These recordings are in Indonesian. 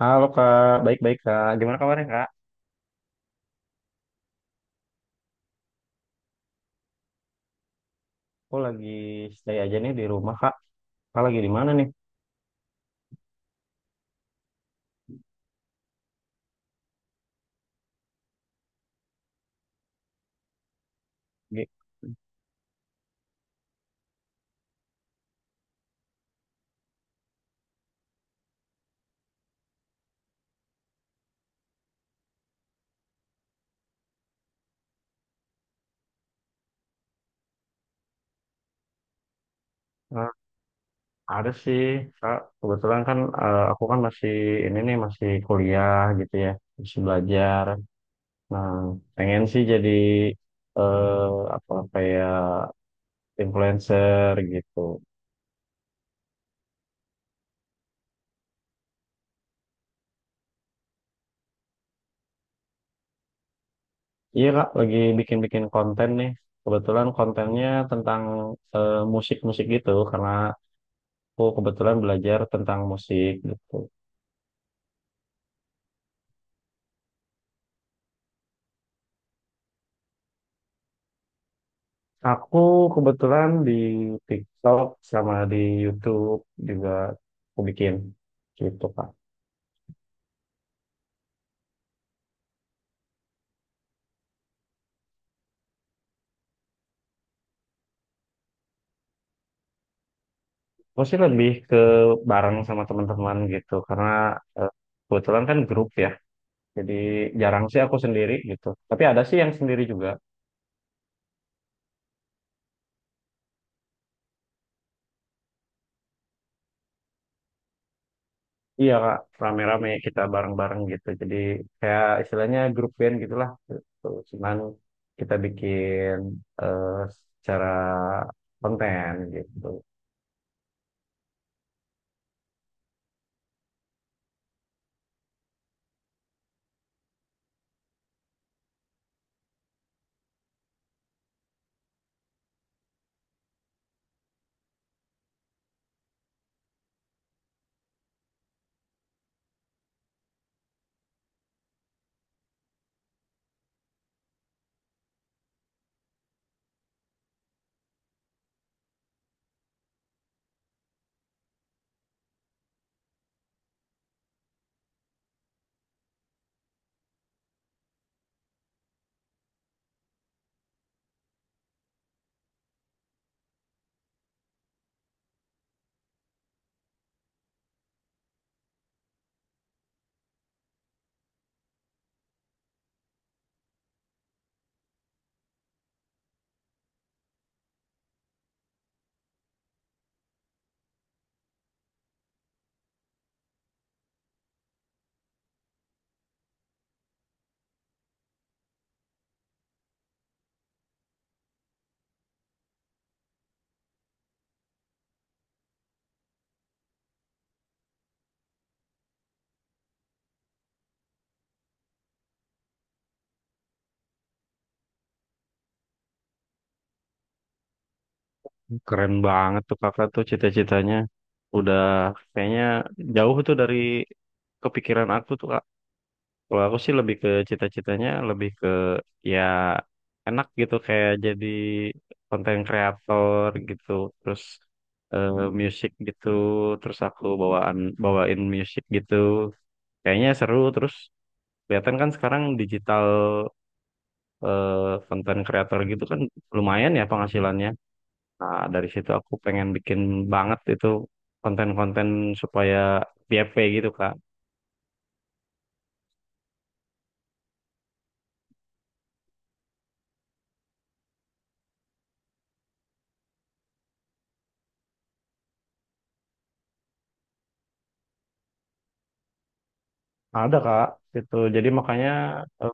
Halo Kak, baik-baik Kak. Gimana kabarnya Kak? Aku lagi stay aja nih di rumah Kak. Kak lagi di mana nih? Di- eh, ada sih Kak. Kebetulan kan aku kan masih ini nih masih kuliah gitu ya, masih belajar. Nah, pengen sih jadi eh apa kayak influencer gitu. Iya Kak, lagi bikin-bikin konten nih. Kebetulan kontennya tentang musik-musik gitu karena aku kebetulan belajar tentang musik gitu. Aku kebetulan di TikTok sama di YouTube juga aku bikin gitu Kak. Aku sih lebih ke bareng sama teman-teman gitu karena eh, kebetulan kan grup ya. Jadi jarang sih aku sendiri gitu. Tapi ada sih yang sendiri juga. Iya Kak, rame-rame kita bareng-bareng gitu. Jadi kayak istilahnya grup band gitulah. Gitu. Cuman kita bikin eh, secara konten gitu. Keren banget tuh kakak tuh cita-citanya. Udah kayaknya jauh tuh dari kepikiran aku tuh kak. Kalau aku sih lebih ke cita-citanya lebih ke ya enak gitu kayak jadi konten kreator gitu. Terus eh, musik gitu. Terus aku bawain musik gitu. Kayaknya seru terus kelihatan kan sekarang digital eh, konten kreator gitu kan lumayan ya penghasilannya. Nah, dari situ aku pengen bikin banget itu konten-konten supaya PFP gitu, Kak. Ada, Kak, gitu. Jadi makanya eh,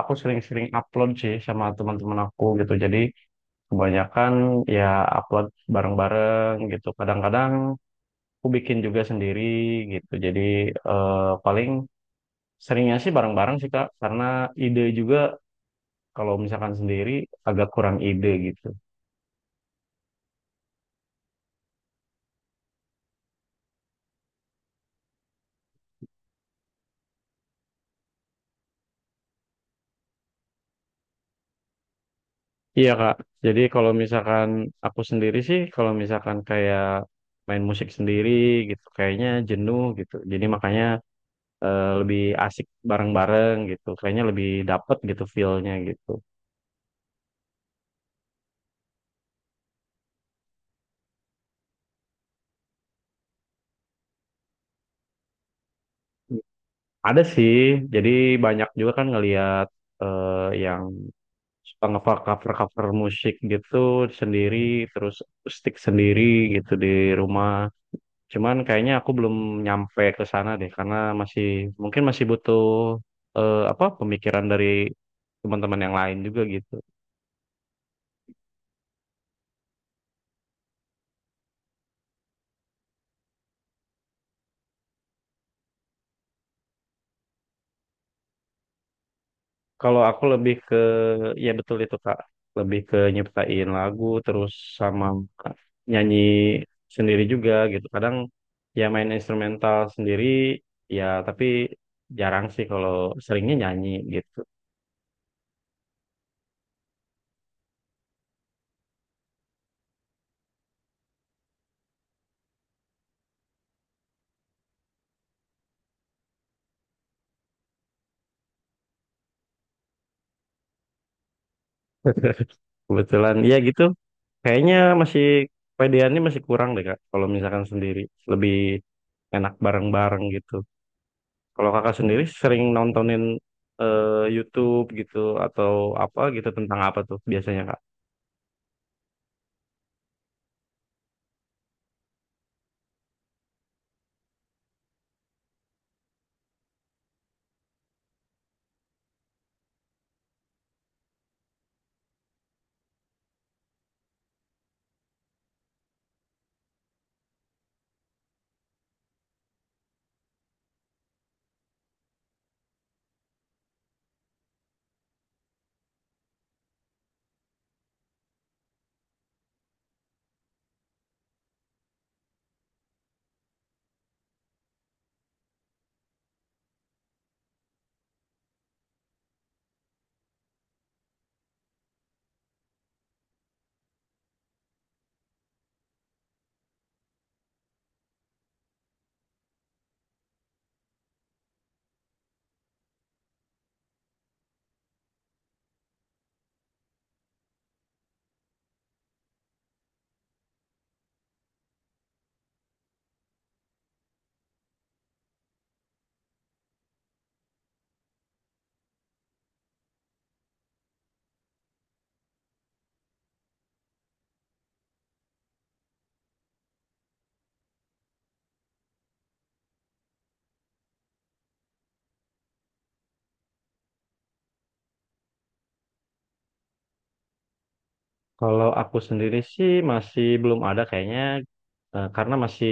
aku sering-sering upload sih sama teman-teman aku gitu. Jadi kebanyakan ya upload bareng-bareng gitu. Kadang-kadang aku bikin juga sendiri gitu. Jadi paling seringnya sih bareng-bareng sih, Kak, karena ide juga kalau misalkan sendiri agak kurang ide gitu. Iya Kak, jadi kalau misalkan aku sendiri sih, kalau misalkan kayak main musik sendiri gitu, kayaknya jenuh gitu. Jadi makanya lebih asik bareng-bareng gitu, kayaknya lebih dapet gitu feel-nya gitu. Ada sih, jadi banyak juga kan ngelihat eh, yang suka nge-cover cover cover musik gitu sendiri, terus stick sendiri gitu di rumah. Cuman kayaknya aku belum nyampe ke sana deh karena masih mungkin masih butuh apa pemikiran dari teman-teman yang lain juga gitu. Kalau aku lebih ke ya betul itu Kak, lebih ke nyiptain lagu terus sama nyanyi sendiri juga gitu. Kadang ya main instrumental sendiri ya tapi jarang sih kalau seringnya nyanyi gitu. Kebetulan ya gitu. Kayaknya masih pedeannya masih kurang deh Kak, kalau misalkan sendiri. Lebih enak bareng-bareng gitu. Kalau Kakak sendiri sering nontonin YouTube gitu atau apa gitu tentang apa tuh biasanya Kak? Kalau aku sendiri sih masih belum ada kayaknya karena masih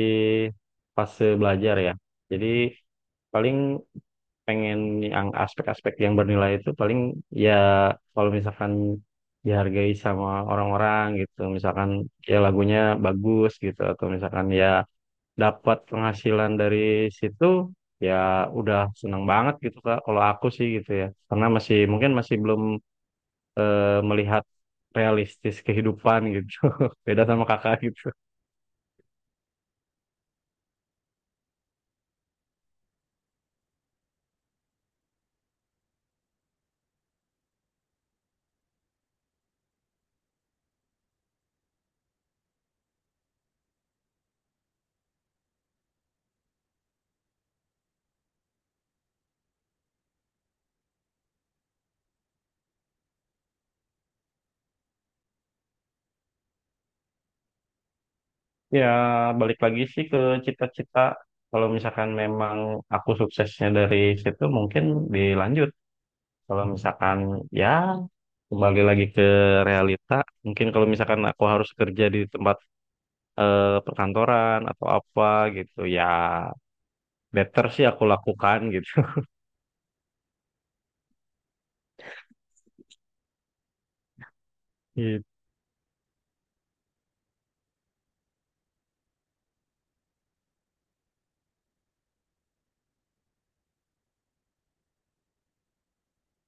fase belajar ya. Jadi paling pengen yang aspek-aspek yang bernilai itu paling ya kalau misalkan dihargai sama orang-orang gitu misalkan ya lagunya bagus gitu atau misalkan ya dapat penghasilan dari situ ya udah seneng banget gitu Kak kalau aku sih gitu ya karena masih mungkin masih belum melihat realistis kehidupan gitu. Beda sama kakak gitu. Ya, balik lagi sih ke cita-cita. Kalau misalkan memang aku suksesnya dari situ, mungkin dilanjut. Kalau misalkan ya kembali lagi ke realita, mungkin kalau misalkan aku harus kerja di tempat perkantoran atau apa gitu, ya better sih aku lakukan gitu. Iya,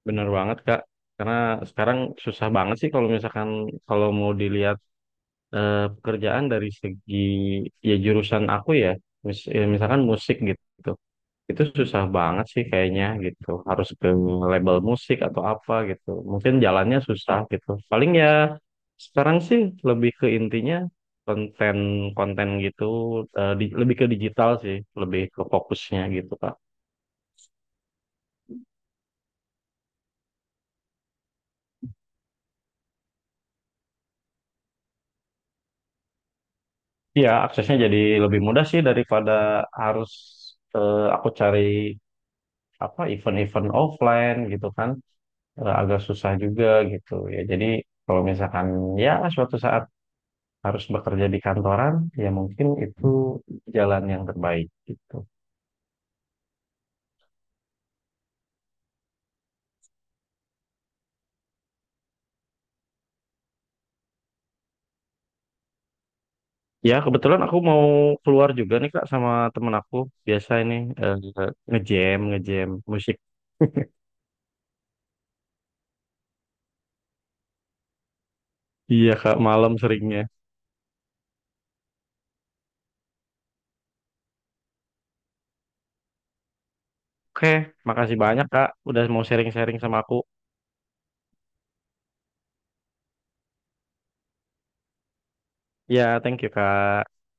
bener banget, Kak. Karena sekarang susah banget sih kalau misalkan kalau mau dilihat pekerjaan dari segi ya jurusan aku ya, ya, misalkan musik gitu. Itu susah banget sih kayaknya gitu harus ke label musik atau apa gitu mungkin jalannya susah gitu paling ya sekarang sih lebih ke intinya konten konten gitu lebih ke digital sih lebih ke fokusnya gitu Pak. Iya aksesnya jadi lebih mudah sih daripada harus aku cari apa event-event offline gitu kan. Eh, agak susah juga gitu ya jadi kalau misalkan ya suatu saat harus bekerja di kantoran, ya mungkin itu jalan yang terbaik gitu. Ya, kebetulan aku mau keluar juga nih Kak sama temen aku. Biasa ini eh, ngejam, ngejam musik. Iya Kak, malam seringnya. Oke, makasih banyak Kak udah mau sharing-sharing sama aku. Ya, thank you Kak.